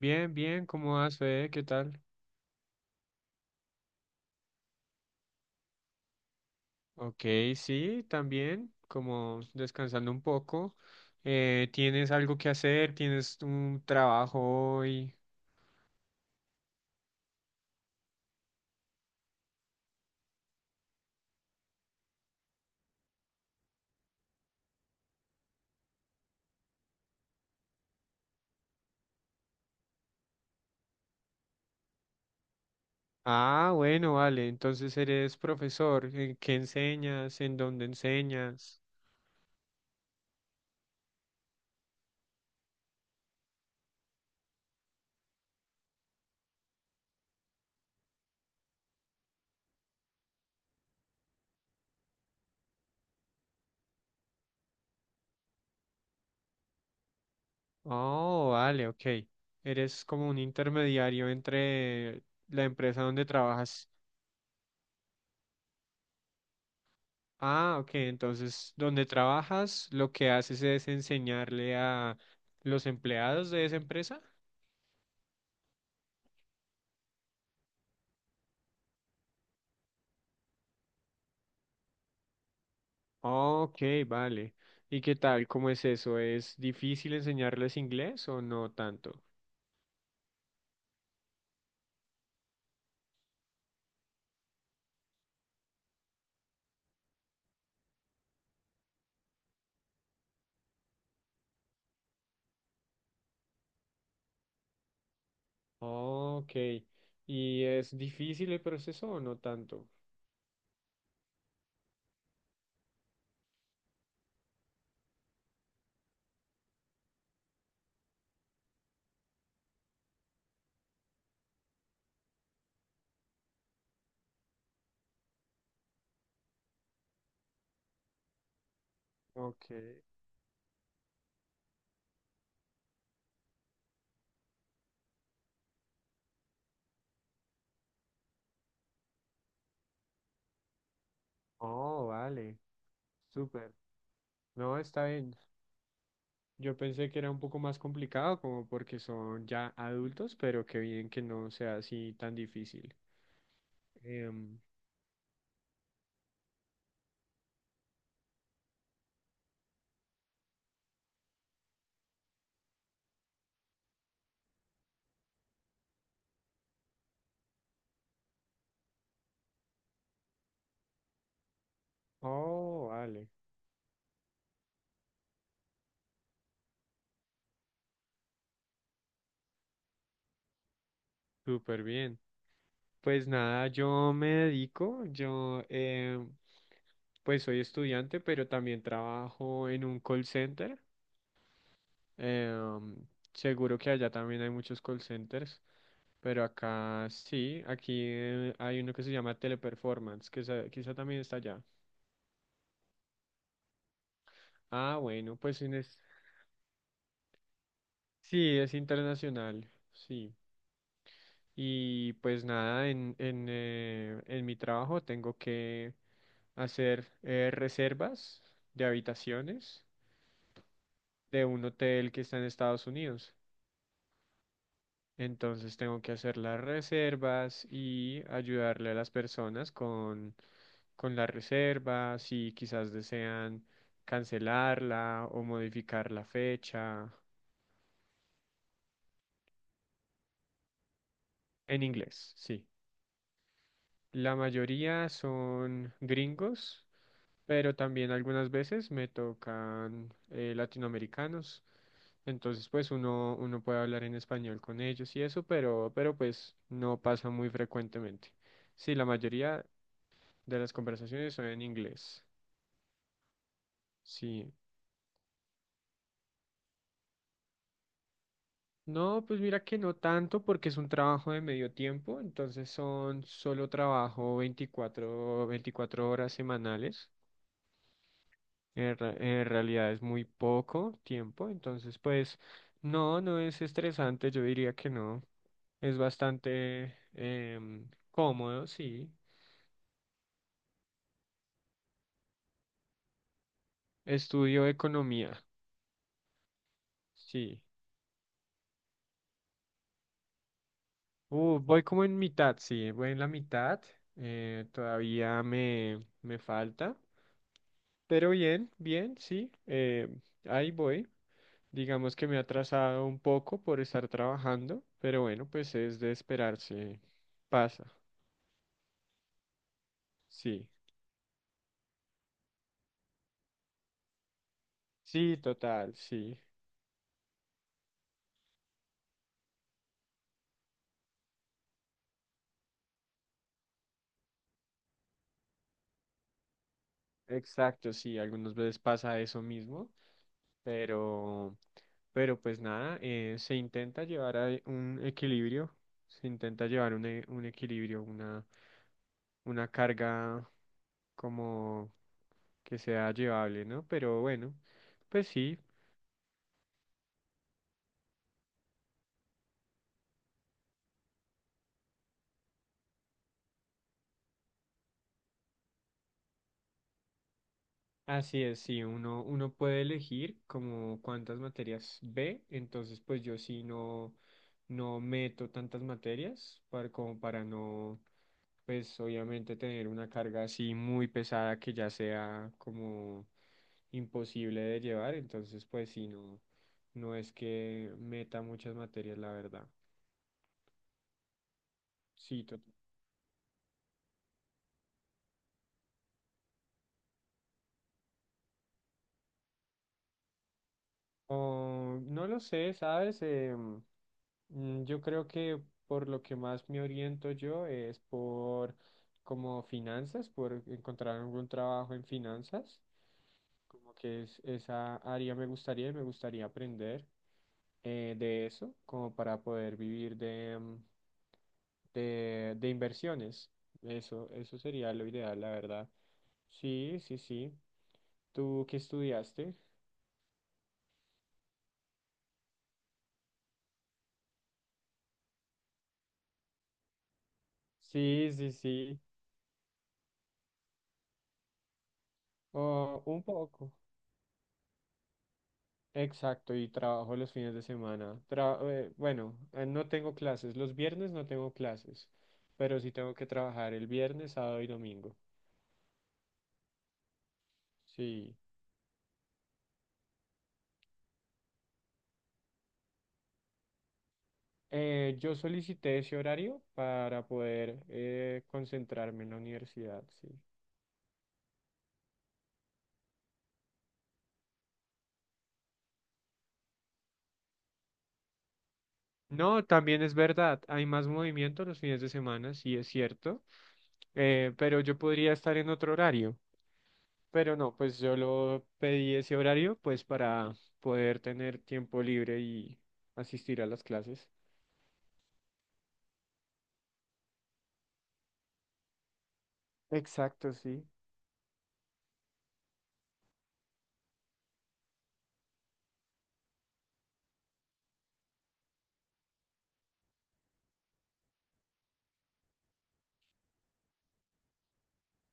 Bien, bien, ¿cómo vas, Fede? ¿Qué tal? Ok, sí, también, como descansando un poco. ¿Tienes algo que hacer? ¿Tienes un trabajo hoy? Ah, bueno, vale, entonces eres profesor. ¿En ¿Qué enseñas? ¿En dónde enseñas? Oh, vale, ok. Eres como un intermediario entre la empresa donde trabajas. Ah, ok, entonces donde trabajas, lo que haces es enseñarle a los empleados de esa empresa. Ok, vale. ¿Y qué tal? ¿Cómo es eso? ¿Es difícil enseñarles inglés o no tanto? Ok. ¿Y es difícil el proceso o no tanto? Ok. Oh, vale. Súper. No, está bien. Yo pensé que era un poco más complicado, como porque son ya adultos, pero qué bien que no sea así tan difícil. Em, oh, vale. Súper bien. Pues nada, yo me dedico, yo pues soy estudiante, pero también trabajo en un call center. Eh, seguro que allá también hay muchos call centers, pero acá sí, aquí hay uno que se llama Teleperformance, que quizá también está allá. Ah, bueno, pues sí, es internacional, sí. Y pues nada, en mi trabajo tengo que hacer reservas de habitaciones de un hotel que está en Estados Unidos. Entonces tengo que hacer las reservas y ayudarle a las personas con la reserva, si quizás desean cancelarla o modificar la fecha. En inglés, sí. La mayoría son gringos, pero también algunas veces me tocan latinoamericanos. Entonces, pues uno puede hablar en español con ellos y eso, pero pues no pasa muy frecuentemente. Sí, la mayoría de las conversaciones son en inglés. Sí. No, pues mira que no tanto porque es un trabajo de medio tiempo, entonces son solo trabajo 24 horas semanales. En, en realidad es muy poco tiempo, entonces pues no, no es estresante, yo diría que no. Es bastante cómodo, sí. Estudio economía, sí. Voy como en mitad, sí, voy en la mitad. Todavía me falta, pero bien, bien, sí. Ahí voy. Digamos que me ha atrasado un poco por estar trabajando, pero bueno, pues es de esperarse. Pasa, sí. Sí, total, sí. Exacto, sí. Algunas veces pasa eso mismo. Pero, pero pues nada, se intenta llevar a un equilibrio, se intenta llevar un equilibrio, una carga como que sea llevable, ¿no? Pero bueno, pues sí, así es, sí, uno, uno puede elegir como cuántas materias ve, entonces pues yo sí no, no meto tantas materias para, como para no, pues obviamente tener una carga así muy pesada que ya sea como imposible de llevar. Entonces, pues sí, no, no es que meta muchas materias, la verdad. Sí, total. O, no lo sé, ¿sabes? Yo creo que por lo que más me oriento yo es por como finanzas, por encontrar algún trabajo en finanzas, como que es, esa área me gustaría y me gustaría aprender de eso, como para poder vivir de inversiones. Eso sería lo ideal, la verdad. Sí, sí, sí. ¿Tú qué estudiaste? Sí, sí, sí. Oh, un poco. Exacto, y trabajo los fines de semana. No tengo clases. Los viernes no tengo clases, pero sí tengo que trabajar el viernes, sábado y domingo. Sí. Yo solicité ese horario para poder concentrarme en la universidad, sí. No, también es verdad, hay más movimiento los fines de semana, sí es cierto, pero yo podría estar en otro horario. Pero no, pues yo lo pedí ese horario pues para poder tener tiempo libre y asistir a las clases. Exacto, sí.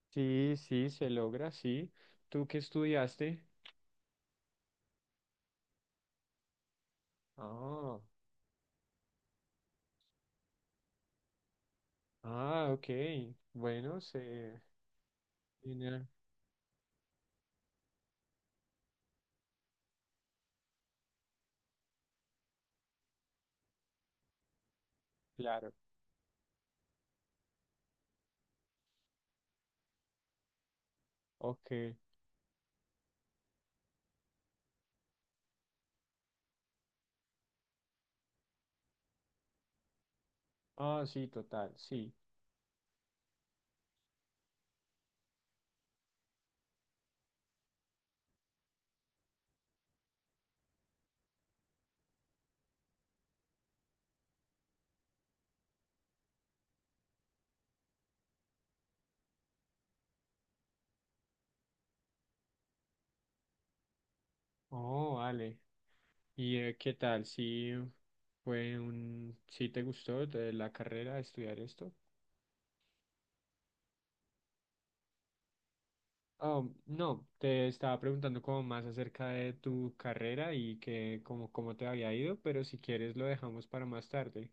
Sí, sí, se logra, sí. ¿Tú qué estudiaste? Ah, ah, ok. Bueno, se tiene claro. Ok. Ah, sí, total, sí. Oh, vale. ¿Y qué tal? Sí, fue un, ¿sí te gustó de la carrera estudiar esto? Oh, no, te estaba preguntando como más acerca de tu carrera y que como cómo te había ido, pero si quieres lo dejamos para más tarde.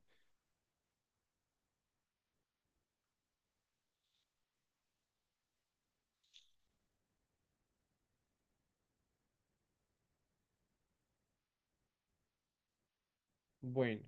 Bueno,